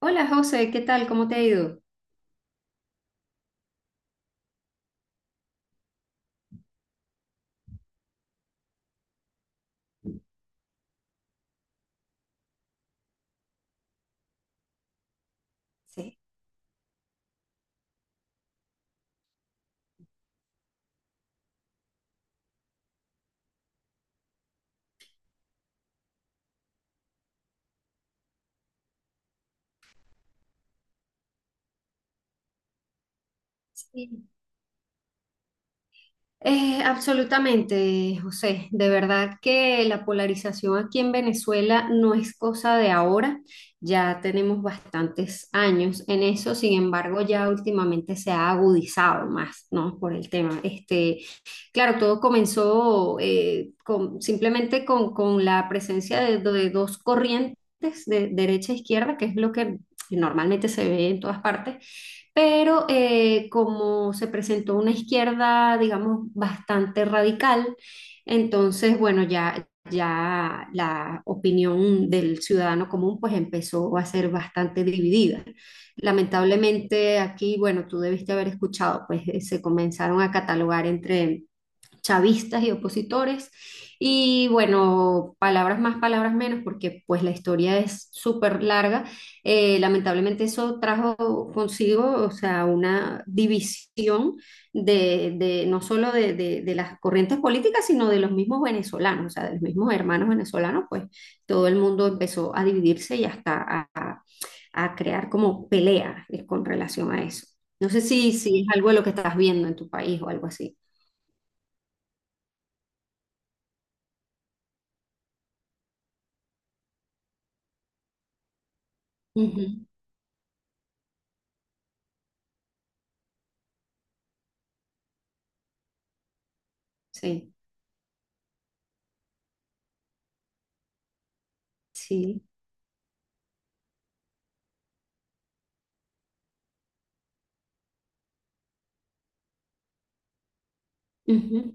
Hola José, ¿qué tal? ¿Cómo te ha ido? Sí. Sí. Absolutamente, José. De verdad que la polarización aquí en Venezuela no es cosa de ahora. Ya tenemos bastantes años en eso. Sin embargo, ya últimamente se ha agudizado más, ¿no? Por el tema. Este, claro, todo comenzó con, simplemente con la presencia de dos corrientes de derecha e izquierda, que es lo que normalmente se ve en todas partes. Pero como se presentó una izquierda, digamos, bastante radical, entonces, bueno, ya la opinión del ciudadano común pues empezó a ser bastante dividida. Lamentablemente aquí, bueno, tú debiste haber escuchado, pues se comenzaron a catalogar entre chavistas y opositores. Y bueno, palabras más, palabras menos, porque pues la historia es súper larga. Lamentablemente eso trajo consigo, o sea, una división no solo de, de las corrientes políticas, sino de los mismos venezolanos, o sea, de los mismos hermanos venezolanos, pues todo el mundo empezó a dividirse y hasta a crear como pelea con relación a eso. No sé si, si es algo de lo que estás viendo en tu país o algo así. Ujú. Sí. Sí. Ujú.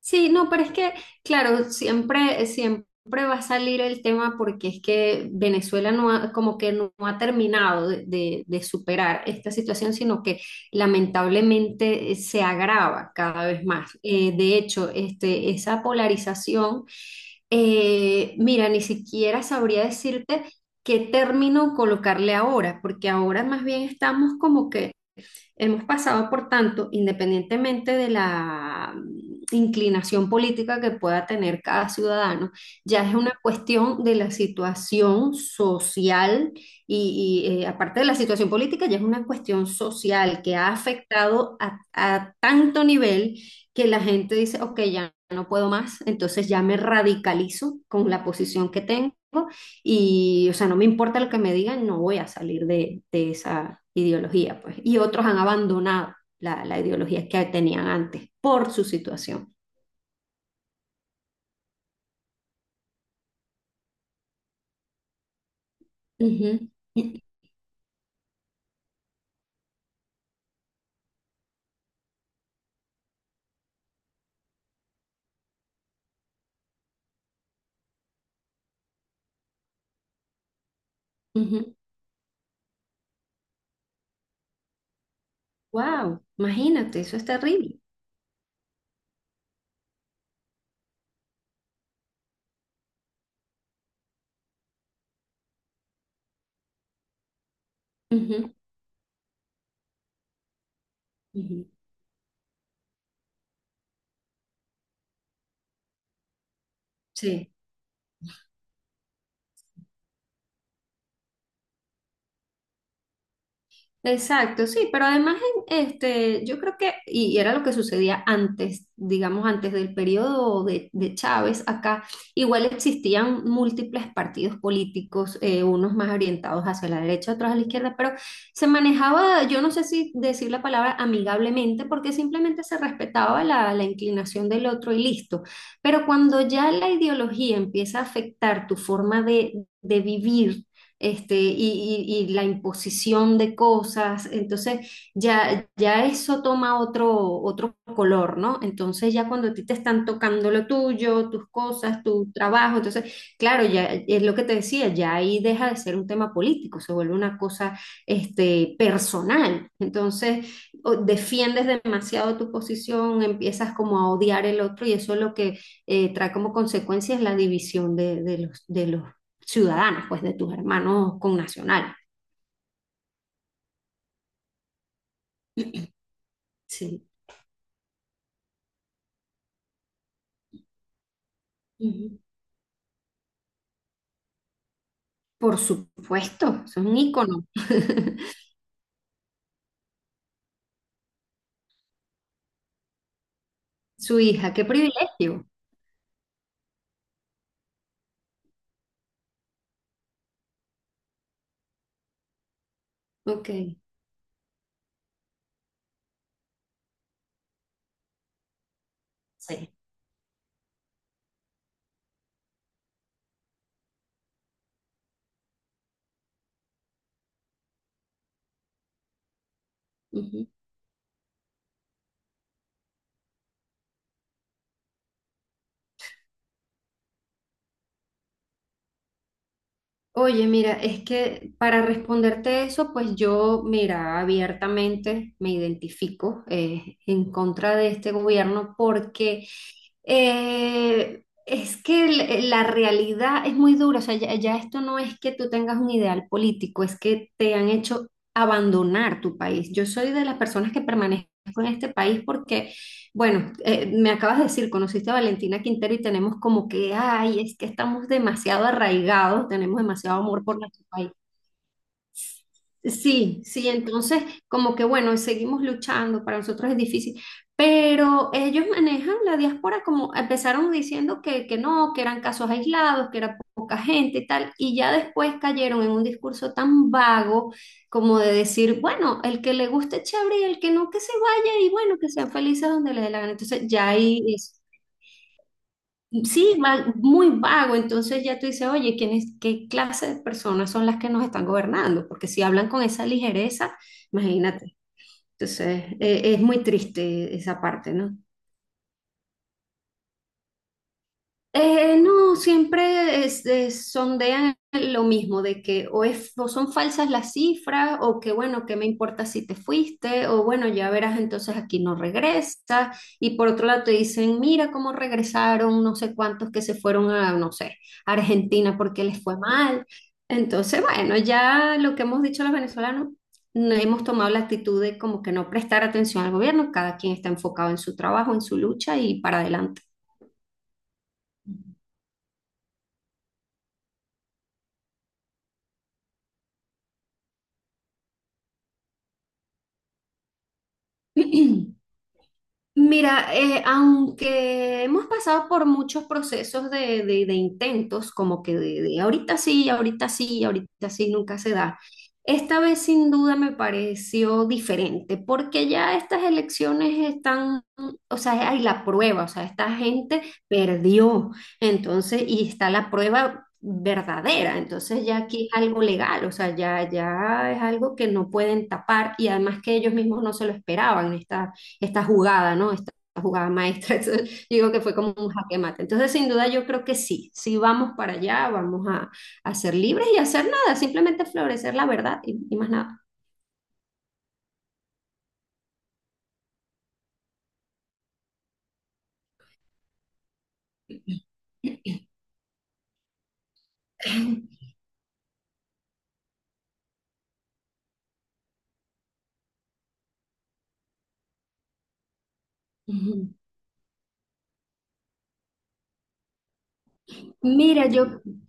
Sí, no, pero es que, claro, siempre va a salir el tema porque es que Venezuela no ha, como que no ha terminado de, de superar esta situación, sino que lamentablemente se agrava cada vez más. De hecho, este, esa polarización, mira, ni siquiera sabría decirte qué término colocarle ahora, porque ahora más bien estamos como que hemos pasado, por tanto, independientemente de la inclinación política que pueda tener cada ciudadano, ya es una cuestión de la situación social y aparte de la situación política, ya es una cuestión social que ha afectado a tanto nivel que la gente dice, ok, ya no puedo más, entonces ya me radicalizo con la posición que tengo y, o sea, no me importa lo que me digan, no voy a salir de esa ideología, pues. Y otros han abandonado la, la ideología que tenían antes por su situación. Ujú. Ujú. Wow, imagínate, eso es terrible. Ujú, ujú. Sí. Exacto, sí, pero además este, yo creo que, y era lo que sucedía antes, digamos, antes del periodo de Chávez acá, igual existían múltiples partidos políticos, unos más orientados hacia la derecha, otros a la izquierda, pero se manejaba, yo no sé si decir la palabra amigablemente, porque simplemente se respetaba la, la inclinación del otro y listo. Pero cuando ya la ideología empieza a afectar tu forma de vivir este, y la imposición de cosas. Entonces, ya eso toma otro, otro color, ¿no? Entonces, ya cuando a ti te están tocando lo tuyo, tus cosas, tu trabajo, entonces, claro, ya es lo que te decía, ya ahí deja de ser un tema político, se vuelve una cosa, este, personal. Entonces, defiendes demasiado tu posición, empiezas como a odiar el otro y eso es lo que trae como consecuencia es la división de, de los ciudadanos, pues de tus hermanos connacionales. Sí. Ujú. Por supuesto, eso es un ícono. Su hija, qué privilegio. Ok. Sí. Ujú. Oye, mira, es que para responderte eso, pues yo, mira, abiertamente me identifico en contra de este gobierno porque la realidad es muy dura. O sea, ya esto no es que tú tengas un ideal político, es que te han hecho abandonar tu país. Yo soy de las personas que permanezco en este país porque bueno, me acabas de decir, conociste a Valentina Quintero y tenemos como que, ay, es que estamos demasiado arraigados, tenemos demasiado amor por nuestro país. Sí, sí, entonces como que bueno, seguimos luchando, para nosotros es difícil, pero ellos manejan la diáspora como empezaron diciendo que no, que eran casos aislados, que era poca gente y tal, y ya después cayeron en un discurso tan vago como de decir, bueno, el que le guste chévere y el que no, que se vaya y bueno, que sean felices donde le dé la gana. Entonces ya ahí es, sí, muy vago, entonces ya tú dices, oye, ¿qué clase de personas son las que nos están gobernando? Porque si hablan con esa ligereza, imagínate. Entonces, es muy triste esa parte, ¿no? No, siempre sondean lo mismo, de que o, o son falsas las cifras, o que bueno, ¿qué me importa si te fuiste? O bueno, ya verás, entonces aquí no regresa. Y por otro lado te dicen, mira cómo regresaron, no sé cuántos que se fueron a, no sé, Argentina porque les fue mal. Entonces, bueno, ya lo que hemos dicho los venezolanos, no hemos tomado la actitud de como que no prestar atención al gobierno, cada quien está enfocado en su trabajo, en su lucha y para adelante. Mira, aunque hemos pasado por muchos procesos de, de intentos, como que de ahorita sí, ahorita sí, ahorita sí, nunca se da. Esta vez sin duda me pareció diferente, porque ya estas elecciones están, o sea, hay la prueba, o sea, esta gente perdió, entonces, y está la prueba verdadera, entonces ya aquí es algo legal, o sea, ya es algo que no pueden tapar y además que ellos mismos no se lo esperaban, esta jugada, ¿no? Esta jugada maestra. Entonces, digo que fue como un jaque mate. Entonces, sin duda, yo creo que sí, sí vamos para allá, vamos a ser libres y a hacer nada, simplemente florecer la verdad y más nada. Ujú. Mira,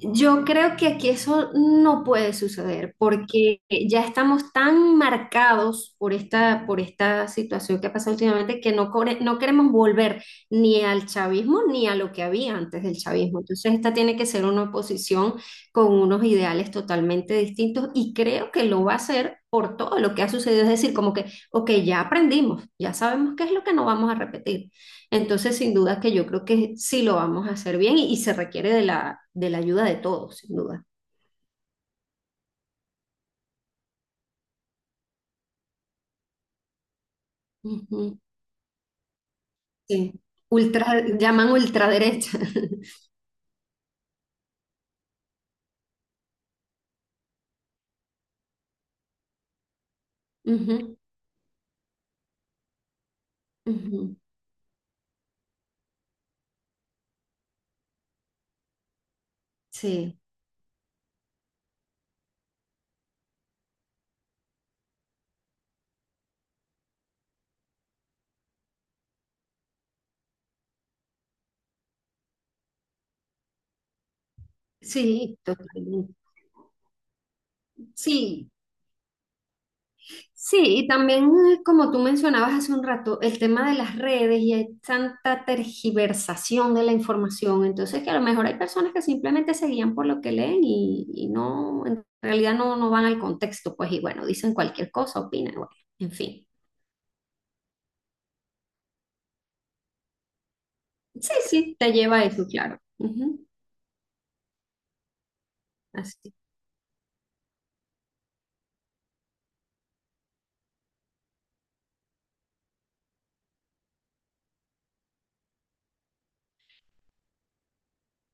yo creo que aquí eso no puede suceder porque ya estamos tan marcados por esta situación que ha pasado últimamente que no, no queremos volver ni al chavismo ni a lo que había antes del chavismo. Entonces, esta tiene que ser una oposición con unos ideales totalmente distintos y creo que lo va a hacer por todo lo que ha sucedido. Es decir, como que, ok, ya aprendimos, ya sabemos qué es lo que no vamos a repetir. Entonces, sin duda que yo creo que sí lo vamos a hacer bien y se requiere de la ayuda de todos, sin duda. Ujú. Sí. Ultra, llaman ultraderecha. Ujú, ujú. Sí, sí, totalmente. Sí. Sí, y también como tú mencionabas hace un rato, el tema de las redes y hay tanta tergiversación de la información, entonces que a lo mejor hay personas que simplemente se guían por lo que leen y no, en realidad no, no van al contexto, pues y bueno, dicen cualquier cosa, opinan, bueno, en fin. Sí, sí, te lleva a eso, claro. Ujú, así.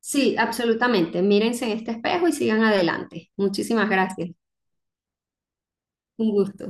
Sí, absolutamente. Mírense en este espejo y sigan adelante. Muchísimas gracias. Un gusto.